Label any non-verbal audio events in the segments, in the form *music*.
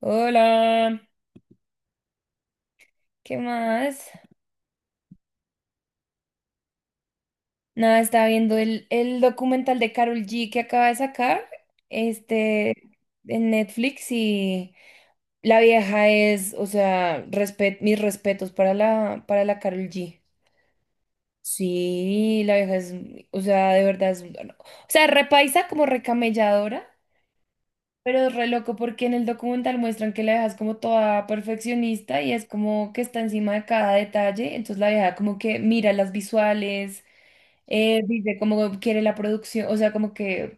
Hola, ¿qué más? Nada, estaba viendo el documental de Carol G que acaba de sacar, este, en Netflix. Y la vieja es, o sea, mis respetos para para la Karol G. Sí, la vieja es, o sea, de verdad es, o sea, repaisa como recamelladora, pero es re loco porque en el documental muestran que la vieja es como toda perfeccionista y es como que está encima de cada detalle. Entonces la vieja como que mira las visuales. Dice cómo quiere la producción, o sea, como que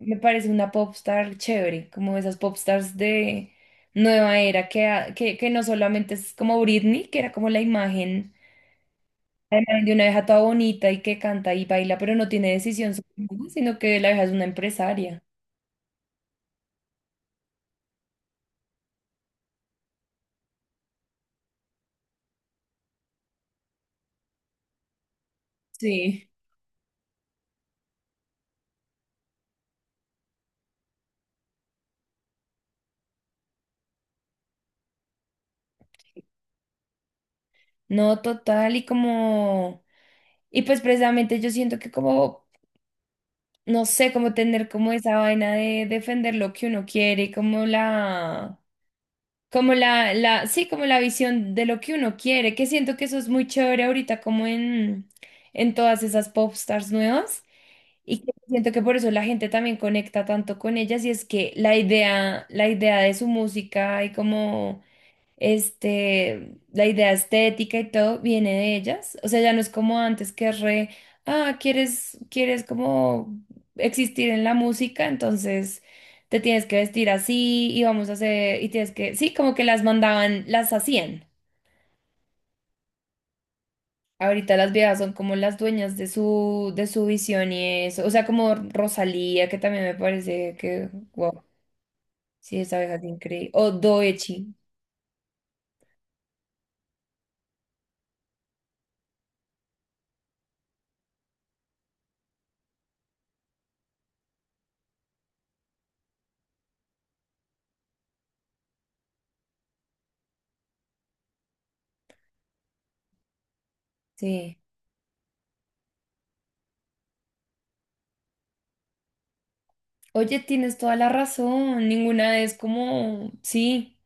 me parece una popstar chévere, como esas popstars de nueva era, que no solamente es como Britney, que era como la imagen de una vieja toda bonita y que canta y baila, pero no tiene decisión sobre nada, sino que la vieja es una empresaria. Sí. No, total, y como, y pues precisamente yo siento que como, no sé, como tener como esa vaina de defender lo que uno quiere, como la... Como sí, como la visión de lo que uno quiere, que siento que eso es muy chévere ahorita, como en todas esas popstars nuevas, y que siento que por eso la gente también conecta tanto con ellas. Y es que la idea de su música y como este, la idea estética y todo viene de ellas. O sea, ya no es como antes que re, ah, quieres como existir en la música, entonces te tienes que vestir así y vamos a hacer, y tienes que, sí, como que las mandaban, las hacían. Ahorita las viejas son como las dueñas de de su visión y eso. O sea, como Rosalía, que también me parece que, wow, sí, esa vieja es increíble. O Doechi, sí. Oye, tienes toda la razón, ninguna es como, sí,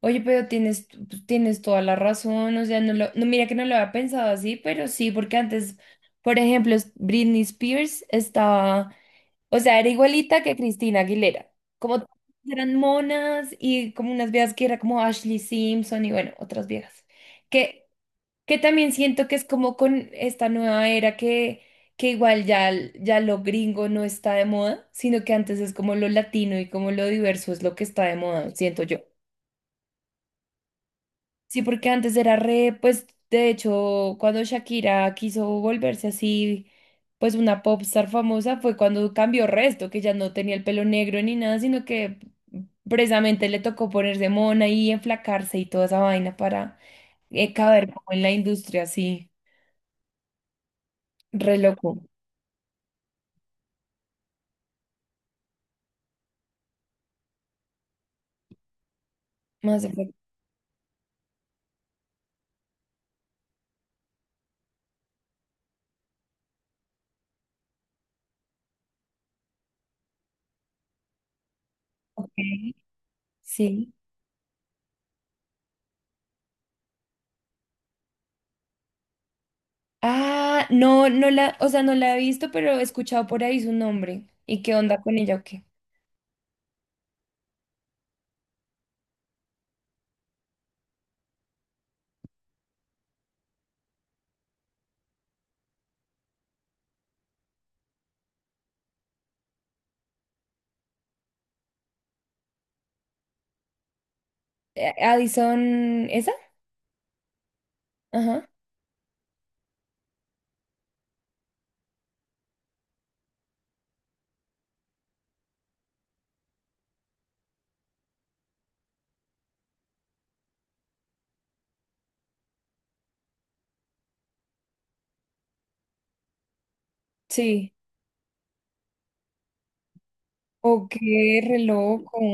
oye, pero tienes, tienes toda la razón, o sea, no, mira que no lo había pensado así, pero sí, porque antes, por ejemplo, Britney Spears estaba, o sea, era igualita que Cristina Aguilera, como todas eran monas y como unas viejas que era como Ashley Simpson y bueno, otras viejas. que Que también siento que es como con esta nueva era que igual ya, ya lo gringo no está de moda, sino que antes es como lo latino y como lo diverso es lo que está de moda, siento yo. Sí, porque antes era re, pues de hecho, cuando Shakira quiso volverse así, pues una popstar famosa, fue cuando cambió resto, que ya no tenía el pelo negro ni nada, sino que precisamente le tocó ponerse mona y enflacarse y toda esa vaina para caber como en la industria, así, re loco. Más efecto. Ok, sí. Ah, no, no la, o sea, no la he visto, pero he escuchado por ahí su nombre. ¿Y qué onda con ella o qué? Addison, ¿esa? Ajá. Sí. Ok, re loco.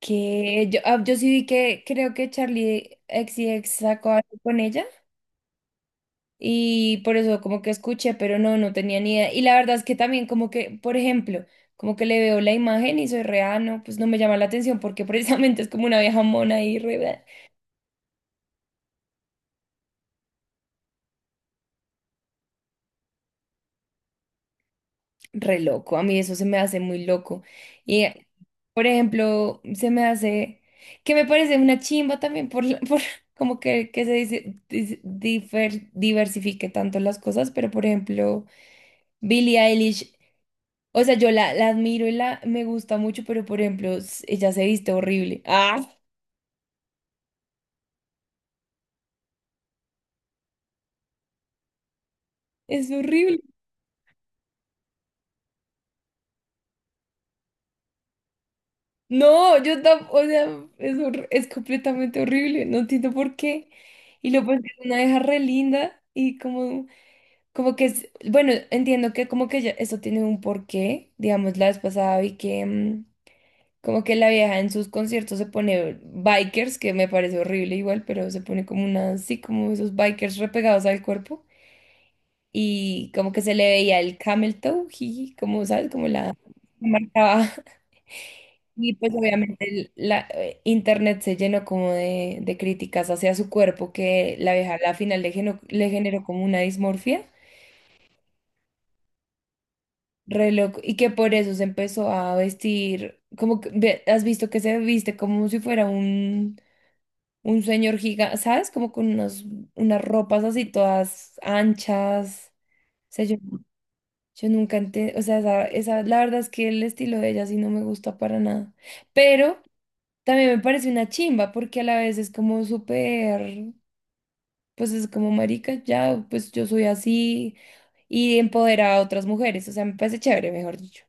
Que yo, ah, yo sí vi que creo que Charlie XCX sacó algo con ella y por eso como que escuché, pero no, no tenía ni idea. Y la verdad es que también como que, por ejemplo, como que le veo la imagen y soy re, ah, no, pues no me llama la atención porque *laughs* precisamente es como una vieja mona y re. Bleh. Re loco. A mí eso se me hace muy loco. Y, por ejemplo, se me hace, que me parece una chimba también por, por *laughs* como que se dice, diversifique tanto las cosas, pero por ejemplo, Billie Eilish, o sea, la admiro y la me gusta mucho, pero por ejemplo, ella se viste horrible. ¡Ah! Es horrible. No, yo tampoco, o sea, es, es completamente horrible. No entiendo por qué. Y lo pues es una deja re linda y como... Como que es, bueno, entiendo que como que ya eso tiene un porqué, digamos, la vez pasada vi que como que la vieja en sus conciertos se pone bikers, que me parece horrible igual, pero se pone como una, sí, como esos bikers repegados al cuerpo y como que se le veía el camel toe, jiji, como, ¿sabes? Como la la marcaba. *laughs* Y pues obviamente la internet se llenó como de críticas hacia su cuerpo, que la vieja a la final le, le generó como una dismorfia. Re loco. Y que por eso se empezó a vestir, como que, has visto que se viste como si fuera un señor gigante, ¿sabes? Como con unas, unas ropas así todas anchas. O sea, yo nunca entendí, o sea, la verdad es que el estilo de ella sí no me gusta para nada. Pero también me parece una chimba porque a la vez es como súper, pues es como marica, ya, pues yo soy así y empodera a otras mujeres. O sea, me parece chévere, mejor dicho.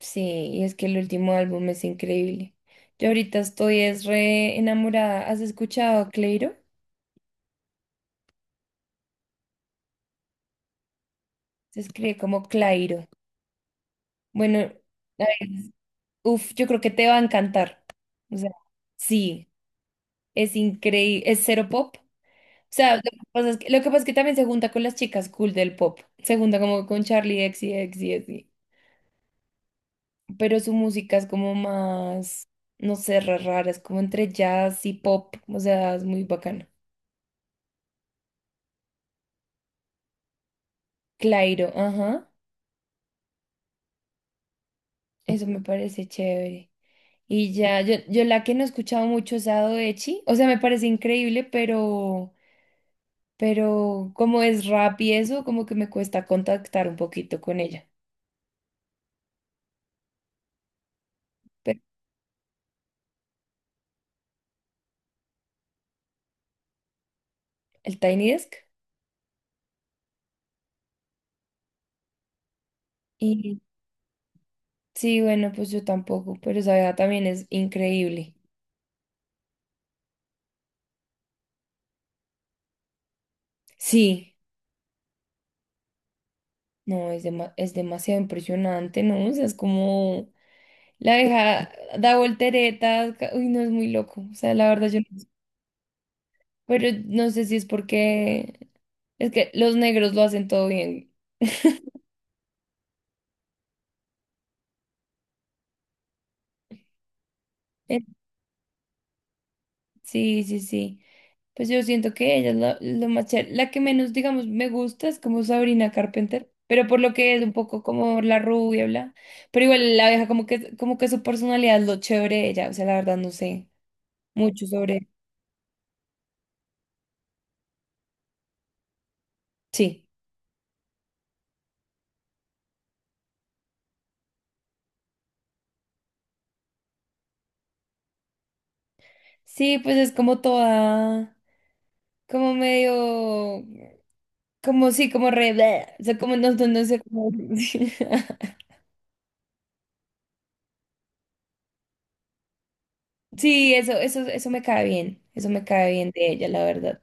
Sí, y es que el último álbum es increíble. Yo ahorita estoy es re enamorada. ¿Has escuchado a Cleiro? Se escribe como Clairo. Bueno, a ver, uf, yo creo que te va a encantar. O sea, sí, es increíble, es cero pop. O sea, lo que pasa es que también se junta con las chicas cool del pop. Se junta como con Charlie X y X y así. Pero su música es como más, no sé, re rara, es como entre jazz y pop. O sea, es muy bacana. Clairo, ajá. Eso me parece chévere. Y ya, yo la que no he escuchado mucho es Sado Echi, o sea, me parece increíble, pero como es rap y eso, como que me cuesta contactar un poquito con ella. Pero el Tiny Desk. Y sí, bueno, pues yo tampoco, pero esa vieja también es increíble. Sí, no, es, es demasiado impresionante, ¿no? O sea, es como la vieja da volteretas, uy, no, es muy loco. O sea, la verdad yo... No, pero no sé si es porque es que los negros lo hacen todo bien. Eh, Sí, sí, sí. Pues yo siento que ella es la, lo más chévere. La que menos, digamos, me gusta es como Sabrina Carpenter, pero por lo que es un poco como la rubia, bla. Pero igual la abeja como que su personalidad es lo chévere de ella, o sea, la verdad no sé mucho sobre. Sí. Sí, pues es como toda como medio como sí, como re, bleh, o sea, como no, no sé cómo. *laughs* Sí, eso me cae bien. Eso me cae bien de ella, la verdad.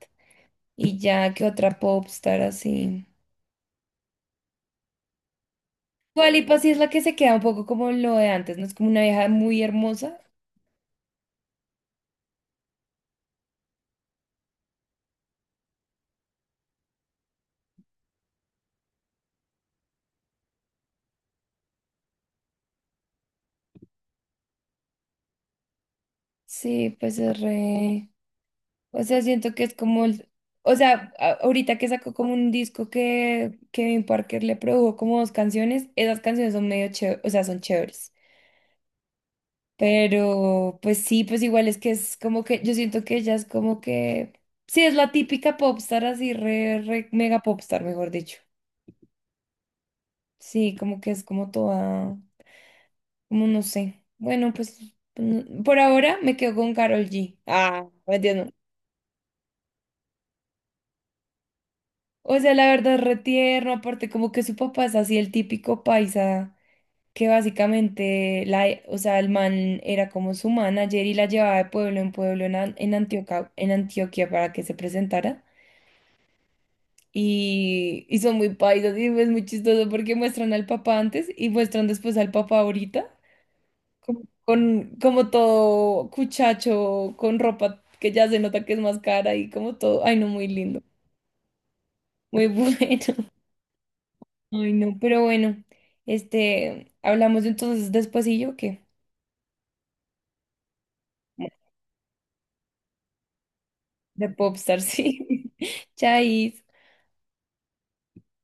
Y ya que otra popstar así. Dualipa sí es la que se queda un poco como lo de antes, ¿no? Es como una vieja muy hermosa. Sí, pues es re. O sea, siento que es como el. O sea, ahorita que sacó como un disco que Kevin Parker le produjo como dos canciones, esas canciones son medio chéveres, o sea, son chéveres. Pero pues sí, pues igual es que es como que yo siento que ella es como que sí, es la típica popstar así re, re mega popstar, mejor dicho. Sí, como que es como toda, como no sé. Bueno, pues mm, por ahora me quedo con Carol G. Ah, me entiendo. O sea, la verdad es re tierno, aparte como que su papá es así el típico paisa que básicamente la, e, o sea, el man era como su manager y la llevaba de pueblo en pueblo en, en Antioquia para que se presentara. Y, y son muy paisas y es muy chistoso porque muestran al papá antes y muestran después al papá ahorita, como, con, como todo cuchacho, con ropa que ya se nota que es más cara y como todo, ay no, muy lindo, muy bueno, *laughs* ay no, pero bueno, este, hablamos entonces después y yo qué, bueno, de Popstar, sí, *laughs* chais.